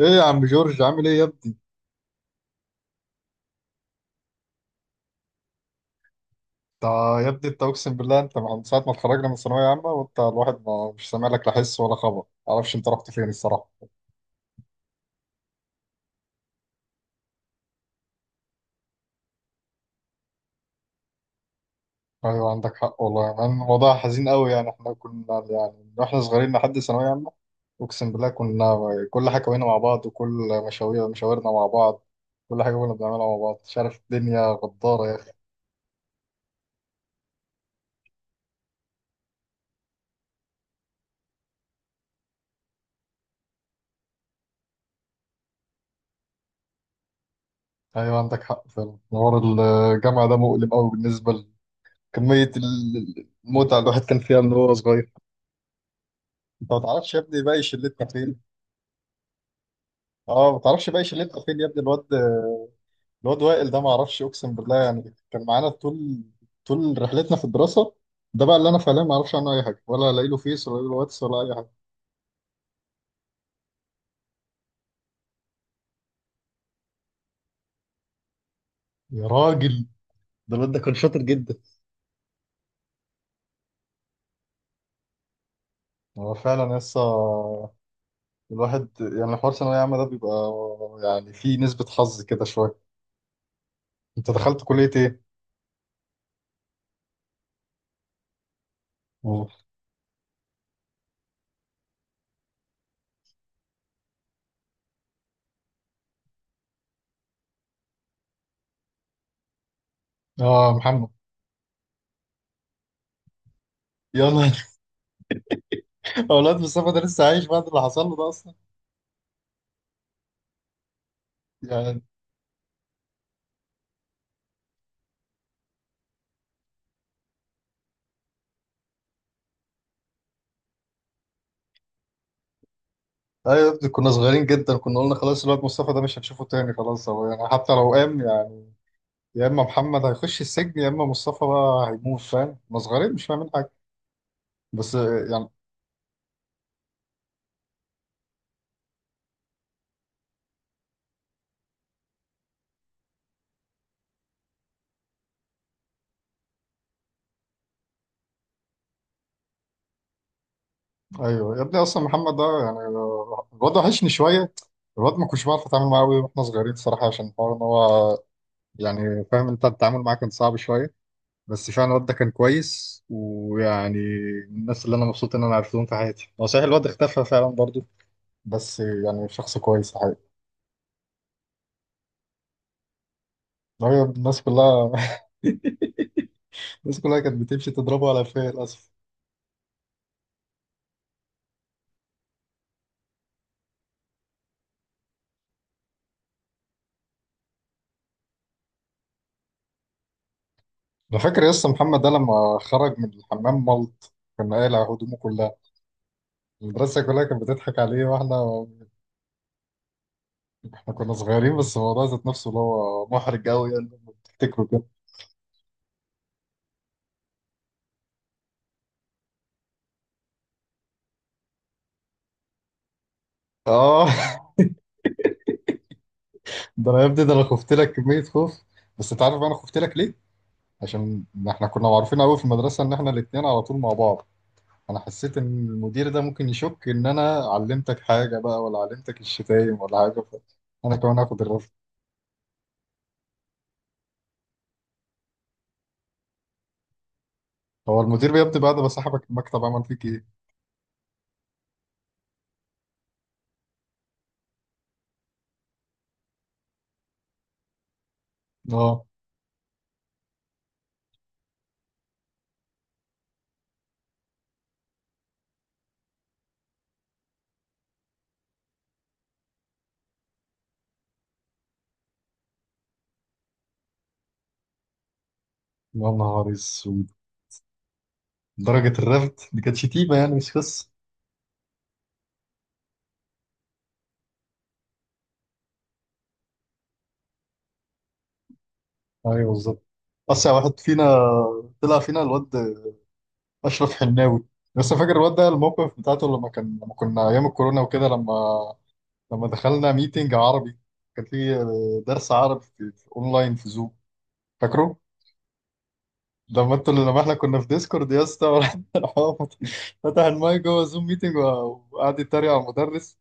ايه يا عم جورج، عامل ايه يا ابني؟ انت يا ابني اقسم بالله، انت من ساعه ما اتخرجنا من الثانويه عامه وانت الواحد ما مش سامع لك لا حس ولا خبر. معرفش انت رحت فين الصراحه. ايوه عندك حق والله يا مان، الموضوع حزين قوي، يعني احنا كنا يعني من واحنا صغيرين لحد ثانويه عامه، اقسم بالله كنا كل حاجه كوينا مع بعض، وكل مشاوير مشاورنا مع بعض، كل حاجه كنا بنعملها مع بعض. مش عارف، الدنيا غداره يا اخي. ايوه عندك حق فعلا، حوار الجامعه ده مؤلم قوي بالنسبه لكميه المتعه اللي الواحد كان فيها من هو صغير. انت ما تعرفش يا ابني باقي شلتنا فين؟ اه ما تعرفش باقي شلتنا فين يا ابني؟ الواد وائل ده ما اعرفش، اقسم بالله يعني كان معانا طول طول رحلتنا في الدراسه، ده بقى اللي انا فعليا ما اعرفش عنه اي حاجه، ولا الاقي له فيس ولا الاقي له واتس ولا اي حاجه. يا راجل، ده الواد ده كان شاطر جدا. هو فعلا لسه الواحد يعني حوار ثانوية عامة ده بيبقى يعني فيه نسبة حظ كده شوية. انت دخلت كلية ايه؟ اه. آه، محمد. يلا. اولاد مصطفى ده لسه عايش بعد اللي حصل له ده اصلا؟ يعني ايوه يا ابني، كنا صغيرين جدا، كنا قلنا خلاص الواد مصطفى ده مش هنشوفه تاني، خلاص هو يعني حتى لو قام يعني يا اما محمد هيخش السجن يا اما مصطفى بقى هيموت، فاهم؟ كنا صغيرين مش فاهمين حاجه. بس يعني ايوه يا ابني، اصلا محمد ده يعني الواد وحشني شويه. الواد ما كنتش بعرف اتعامل معاه قوي واحنا صغيرين صراحه، عشان الحوار ان هو يعني، فاهم؟ انت التعامل معاه كان صعب شويه، بس فعلا الواد ده كان كويس ويعني من الناس اللي انا مبسوط ان انا عرفتهم في حياتي. هو صحيح الواد اختفى فعلا برضه، بس يعني شخص كويس. أيوة، الناس كلها. الناس كلها كانت بتمشي تضربه على فيه للأسف. أنا فاكر يا اسطى محمد ده لما خرج من الحمام ملط، كنا قايل على هدومه كلها، المدرسة كلها كانت بتضحك عليه. واحنا كنا صغيرين بس الموضوع ذات نفسه اللي هو محرج قوي يعني لما بتفتكره كده. اه. ده انا يا ابني، ده انا خفت لك كمية خوف. بس انت عارف انا خفت لك ليه؟ عشان احنا كنا معروفين قوي في المدرسة ان احنا الاتنين على طول مع بعض، انا حسيت ان المدير ده ممكن يشك ان انا علمتك حاجه بقى، ولا علمتك الشتايم ولا حاجه، انا كمان هاخد الرفض. هو المدير بيبدأ بعد ما صاحبك المكتب عمل فيك ايه؟ اه. يا نهار اسود، درجه الرفض دي كانت شتيمه يعني مش قصه. ايوه بالظبط. اسرع واحد فينا طلع فينا الواد اشرف حناوي. لسه فاكر الواد ده الموقف بتاعته لما كنا ايام الكورونا وكده، لما لما دخلنا ميتنج عربي، كان في درس عربي في اونلاين في زوم، فاكره؟ لما احنا كنا في ديسكورد يا اسطى، وراح- راح هو فتح المايك جوه زوم ميتنج، وقعد يتريق على المدرس.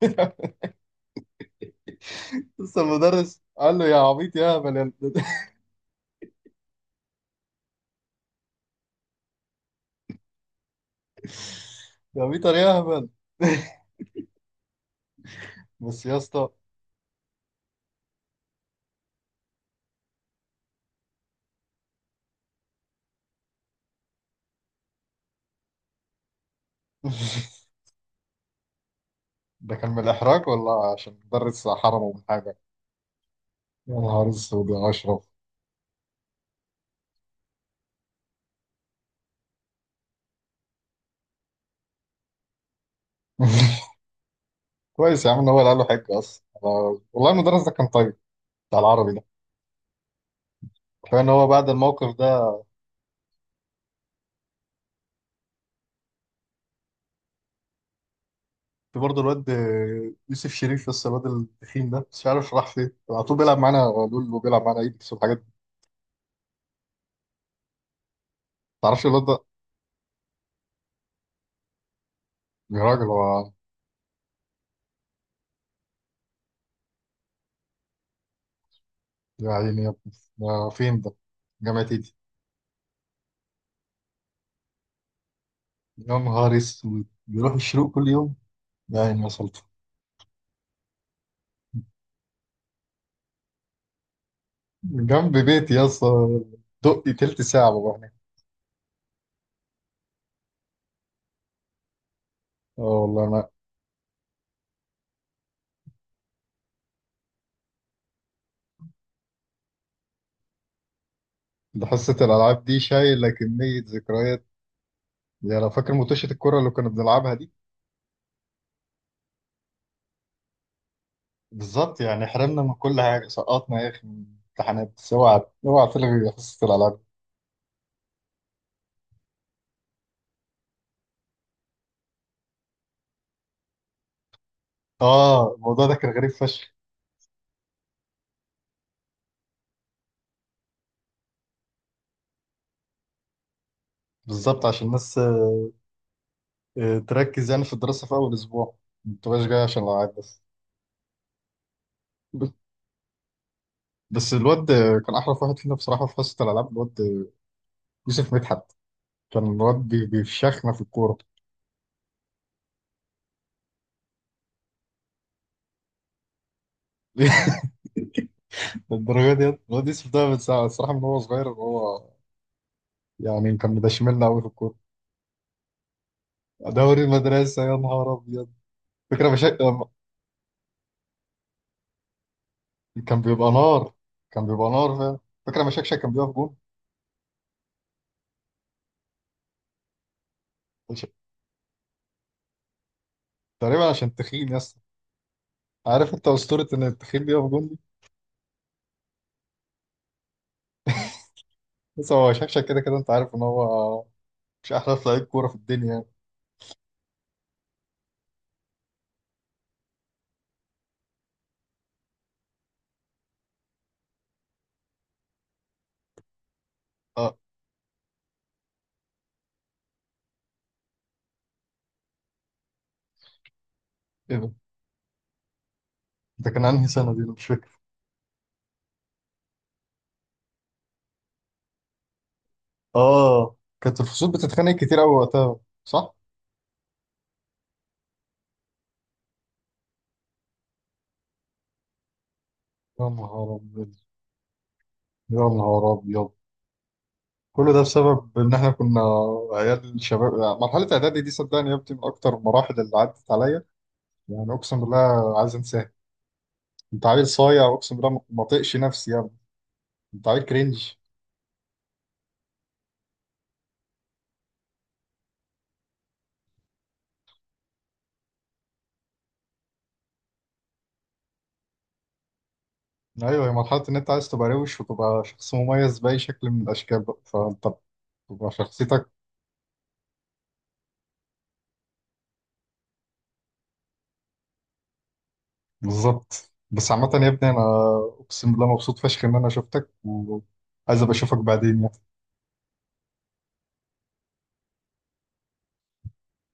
لسه المدرس قال له يا عبيط يا هبل يا. يا عبيطر يا هبل. بس يا اسطى. ده كان من الإحراج ولا عشان مدرس حرمه من حاجة؟ يا نهار أسود يا أشرف. كويس يا عم إن هو اللي قال له حاجة أصلا. والله المدرس ده كان طيب، بتاع العربي ده. كفاية إن هو بعد الموقف ده. في برضه الواد يوسف شريف، لسه الواد التخين ده بس مش عارف راح فين، على طول بيلعب معانا لول وبيلعب معانا ايدكس والحاجات دي، ما تعرفش الواد ده؟ يا راجل، هو يا عيني يا ابني ده فين ده؟ جامعة ايدي؟ يا نهار اسود، بيروح الشروق كل يوم! يا عيني يا سلطة. جنب بيتي يا اسطى، دقي تلت ساعة بابا هناك. اه والله انا، ده حصة الالعاب دي شايلة كمية ذكريات. يا لو فاكر متوشة الكرة اللي كنا بنلعبها دي. بالظبط، يعني حرمنا من كل حاجه، سقطنا يا اخي من امتحانات، بس اوعى اوعى تلغي حصه الالعاب. اه، الموضوع ده كان غريب فشخ. بالظبط، عشان الناس تركز يعني في الدراسه في اول اسبوع، ما تبقاش جاي عشان الالعاب بس. بس الواد كان احرف واحد فينا بصراحه في حصه الالعاب، الواد يوسف مدحت، كان الواد بيفشخنا في الكوره. الدرجه دي الواد يوسف ده من ساعه الصراحه من هو صغير، هو يعني كان مدشملنا قوي في الكوره. دوري المدرسه يا نهار ابيض! فكره مشاكل. كان بيبقى نار، كان بيبقى نار، فاهم؟ فاكر لما شكشك كان بيقف جون؟ عش- تقريبا عشان تخين يس. عارف انت اسطوره ان التخين بيقف جون دي؟ بس هو شكشك كده كده انت عارف ان هو مش احلى لعيب كوره في الدنيا يعني. اه. ايه ده؟ ده كان انهي سنه دي؟ انا مش فاكر. اه كانت الفصول بتتخانق كتير قوي وقتها، صح. يا نهار ابيض، يا نهار ابيض! كل ده بسبب ان احنا كنا عيال شباب. مرحله اعدادي دي صدقني يا ابني من اكتر المراحل اللي عدت عليا، يعني اقسم بالله عايز انساها. انت عيل صايع، اقسم بالله ما طقش نفسي يا ابني، انت عيل كرنج. ايوه، هي مرحله ان انت عايز تبقى روش وتبقى شخص مميز باي شكل من الاشكال، بقى فانت بتبقى شخصيتك. بالظبط. بس عامه يا ابني انا اقسم بالله مبسوط فشخ ان انا شفتك، وعايز ابقى اشوفك بعدين يعني.